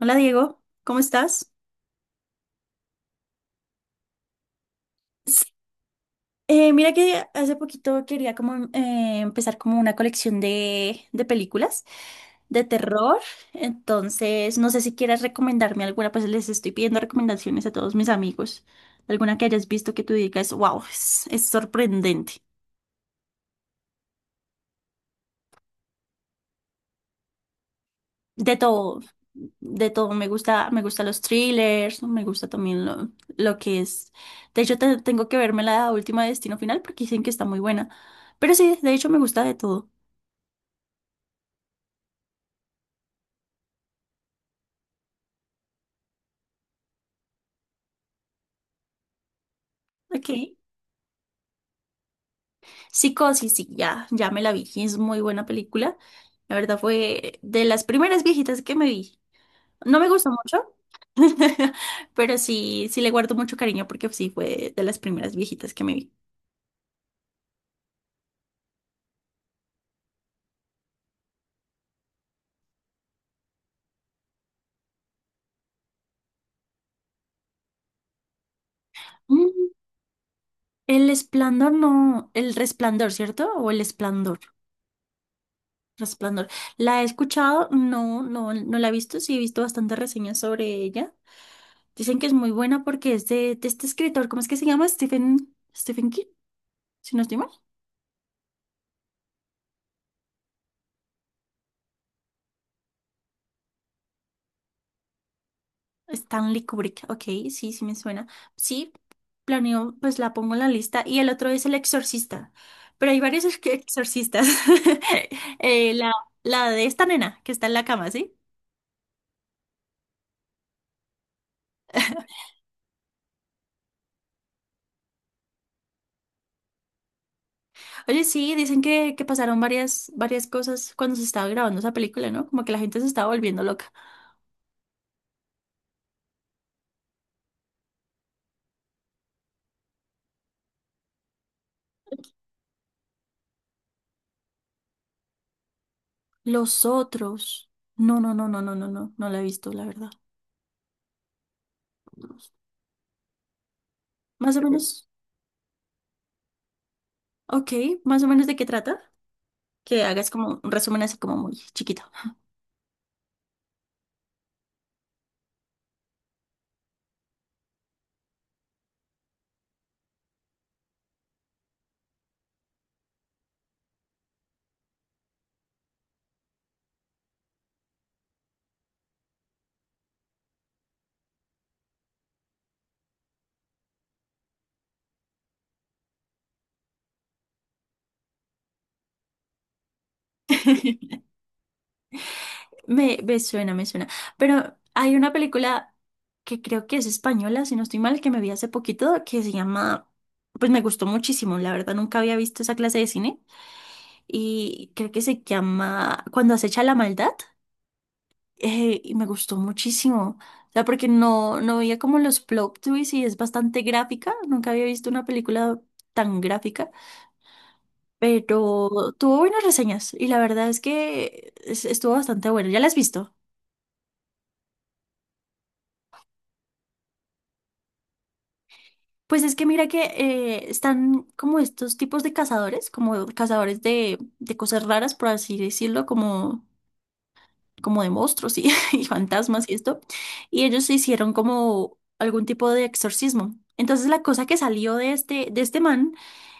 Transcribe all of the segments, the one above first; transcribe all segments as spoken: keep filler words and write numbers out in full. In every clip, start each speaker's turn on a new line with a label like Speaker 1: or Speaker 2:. Speaker 1: Hola Diego, ¿cómo estás? S- eh, mira que hace poquito quería como eh, empezar como una colección de, de películas de terror. Entonces no sé si quieras recomendarme alguna, pues les estoy pidiendo recomendaciones a todos mis amigos, alguna que hayas visto que tú digas, wow, es, es sorprendente. De todo, de todo. Me gusta, me gustan los thrillers, me gusta también lo, lo que es. De hecho, te- tengo que verme la última de Destino Final porque dicen que está muy buena. Pero sí, de hecho, me gusta de todo. Ok. Psicosis, sí, ya, ya me la vi. Es muy buena película. La verdad fue de las primeras viejitas que me vi. No me gustó mucho, pero sí, sí, le guardo mucho cariño porque sí fue de las primeras viejitas que me vi. Mm, El esplendor, no, el resplandor, ¿cierto? O el esplendor. Resplandor. La he escuchado, no, no, no la he visto, sí he visto bastantes reseñas sobre ella. Dicen que es muy buena porque es de, de este escritor, ¿cómo es que se llama? Stephen, Stephen King, si no estoy mal. Stanley Kubrick, ok, sí, sí me suena. Sí, planeo, pues la pongo en la lista. Y el otro es El Exorcista, pero hay varios ex- exorcistas. Eh, la, la de esta nena que está en la cama, ¿sí? Oye, sí, dicen que, que pasaron varias, varias cosas cuando se estaba grabando esa película, ¿no? Como que la gente se estaba volviendo loca. Los otros. No, no, no, no, no, no, no, no la he visto, la verdad. Más o menos, ok, más o menos de qué trata. Que hagas como un resumen así como muy chiquito. Me, me suena, me suena. Pero hay una película que creo que es española, si no estoy mal, que me vi hace poquito, que se llama, pues me gustó muchísimo, la verdad, nunca había visto esa clase de cine. Y creo que se llama Cuando acecha la maldad. eh, y me gustó muchísimo. O sea, porque no, no veía como los plot twists y es bastante gráfica. Nunca había visto una película tan gráfica, pero tuvo buenas reseñas y la verdad es que es- estuvo bastante bueno. ¿Ya la has visto? Pues es que mira que eh, están como estos tipos de cazadores, como cazadores de, de cosas raras, por así decirlo, como como de monstruos y, y fantasmas y esto, y ellos hicieron como algún tipo de exorcismo. Entonces la cosa que salió de este, de este man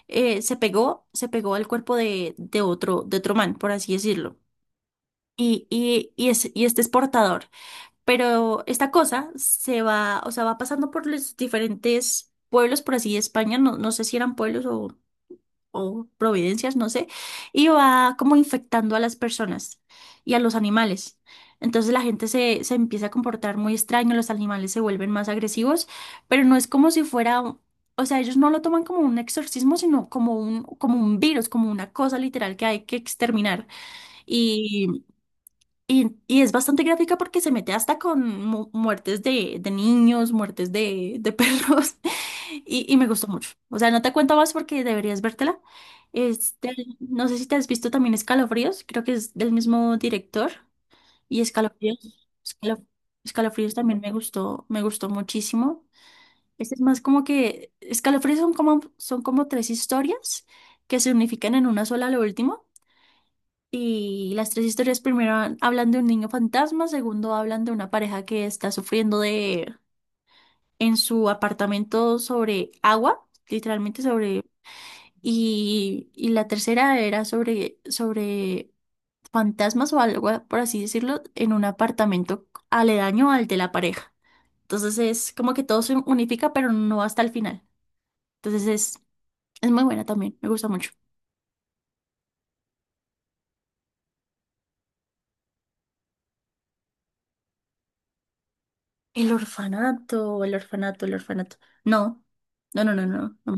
Speaker 1: eh, se pegó, se pegó al cuerpo de, de otro, de otro man, por así decirlo. Y, y, y, es, y este es portador. Pero esta cosa se va, o sea, va pasando por los diferentes pueblos, por así de España, no, no sé si eran pueblos o, o providencias, no sé, y va como infectando a las personas y a los animales. Entonces la gente se, se empieza a comportar muy extraño, los animales se vuelven más agresivos, pero no es como si fuera, un- o sea, ellos no lo toman como un exorcismo, sino como un, como un virus, como una cosa literal que hay que exterminar. Y, y es bastante gráfica porque se mete hasta con mu- muertes de, de niños, muertes de, de perros. Y, y me gustó mucho. O sea, no te cuento más porque deberías vértela. Este, no sé si te has visto también Escalofríos. Creo que es del mismo director. Y Escalofríos, Escalo- Escalofríos también me gustó, me gustó muchísimo. Este es más como que Escalofríos son como, son como tres historias que se unifican en una sola a lo último. Y las tres historias primero han- hablan de un niño fantasma, segundo hablan de una pareja que está sufriendo de en su apartamento sobre agua, literalmente sobre y, y la tercera era sobre sobre fantasmas o algo por así decirlo en un apartamento aledaño al de la pareja. Entonces es como que todo se unifica, pero no hasta el final. Entonces es es muy buena también, me gusta mucho. El orfanato, el orfanato, el orfanato. No, no, no, no, no. No.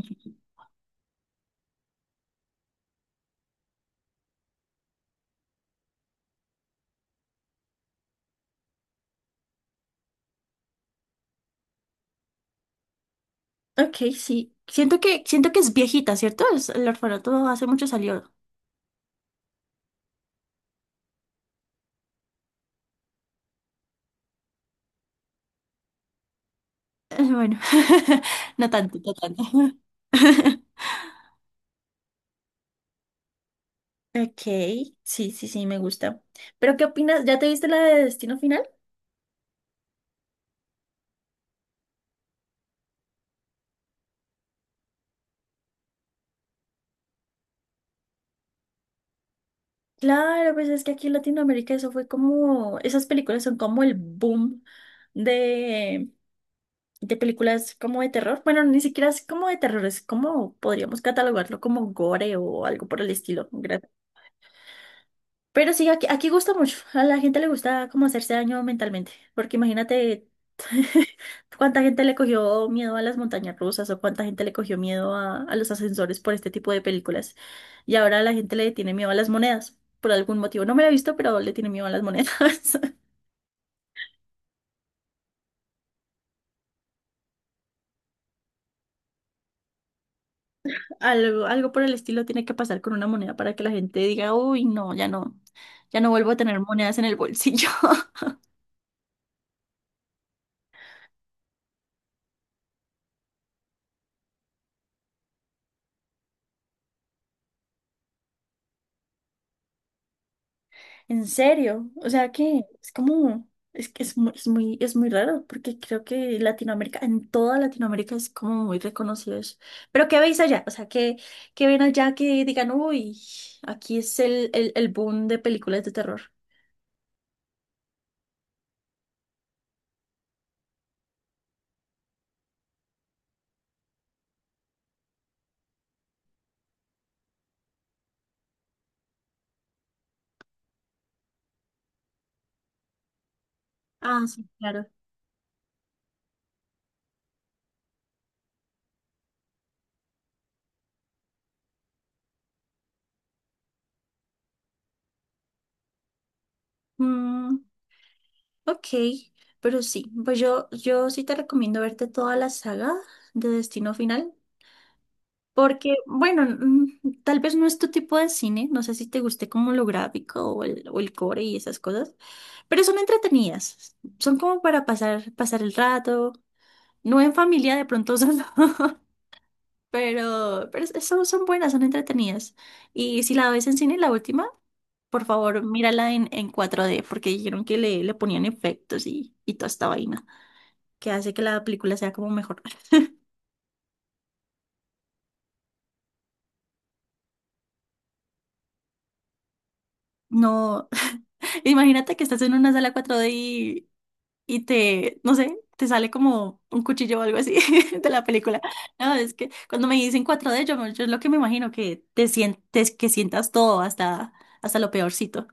Speaker 1: Ok, sí. Siento que, siento que es viejita, ¿cierto? Es- el orfanato hace mucho salió. Eh, Bueno, no tanto, no tanto. Ok, sí, sí, sí, me gusta. Pero ¿qué opinas? ¿Ya te viste la de Destino Final? Claro, pues es que aquí en Latinoamérica eso fue como, esas películas son como el boom de, de películas como de terror. Bueno, ni siquiera es como de terror, es como podríamos catalogarlo como gore o algo por el estilo. Pero sí, aquí, aquí gusta mucho. A la gente le gusta como hacerse daño mentalmente. Porque imagínate cuánta gente le cogió miedo a las montañas rusas o cuánta gente le cogió miedo a, a los ascensores por este tipo de películas. Y ahora la gente le tiene miedo a las monedas. Por algún motivo. No me lo he visto, pero le tiene miedo a las monedas. Algo, algo por el estilo tiene que pasar con una moneda para que la gente diga, uy, no, ya no, ya no vuelvo a tener monedas en el bolsillo. En serio, o sea que es como, es que es muy, es muy, es muy raro, porque creo que Latinoamérica, en toda Latinoamérica es como muy reconocido eso. Pero ¿qué veis allá? O sea, ¿qué, qué ven allá que digan, uy, aquí es el, el, el boom de películas de terror? Ah, sí, claro. Mm, ok, pero sí, pues yo, yo sí te recomiendo verte toda la saga de Destino Final. Porque, bueno, mm, tal vez no es tu tipo de cine, no sé si te guste como lo gráfico o el, o el core y esas cosas, pero son entretenidas, son como para pasar, pasar el rato, no en familia de pronto solo, pero, pero es- son, son buenas, son entretenidas. Y si la ves en cine, la última, por favor, mírala en, en cuatro d porque dijeron que le, le ponían efectos y, y toda esta vaina, que hace que la película sea como mejor. No, imagínate que estás en una sala cuatro d y te, no sé, te sale como un cuchillo o algo así de la película. No, es que cuando me dicen cuatro d yo, yo es lo que me imagino que te sientes, que sientas todo hasta, hasta lo peorcito.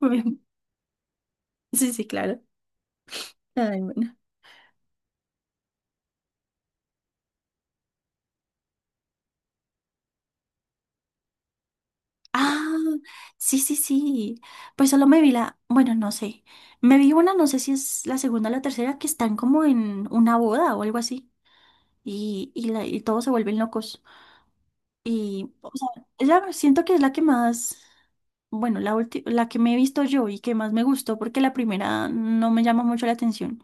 Speaker 1: Sí, sí, claro. Ay, bueno. Ah, sí, sí, sí. Pues solo me vi la, bueno, no sé. Me vi una, no sé si es la segunda o la tercera, que están como en una boda o algo así. Y, y, la- y todos se vuelven locos. Y, o sea, ella siento que es la que más, bueno, la ulti- la que me he visto yo y que más me gustó, porque la primera no me llama mucho la atención.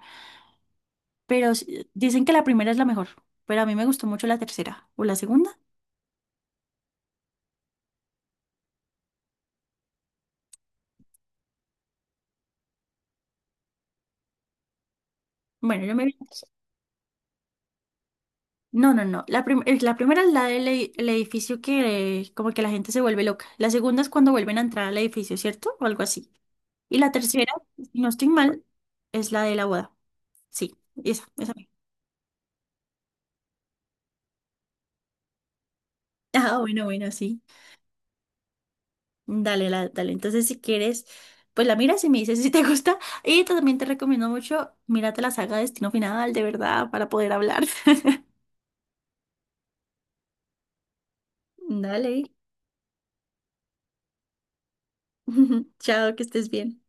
Speaker 1: Pero sí- dicen que la primera es la mejor, pero a mí me gustó mucho la tercera. ¿O la segunda? Bueno, yo me vi. No, no, no. La, prim- eh, la primera es la del e- el edificio que eh, como que la gente se vuelve loca. La segunda es cuando vuelven a entrar al edificio, ¿cierto? O algo así. Y la tercera, si no estoy mal, es la de la boda. Sí, esa, esa. Ah, bueno, bueno, sí. Dale, la- dale. Entonces, si quieres, pues la miras y me dices si te gusta. Y también te recomiendo mucho, mírate la saga Destino Final, de verdad, para poder hablar. Dale. Chao, que estés bien.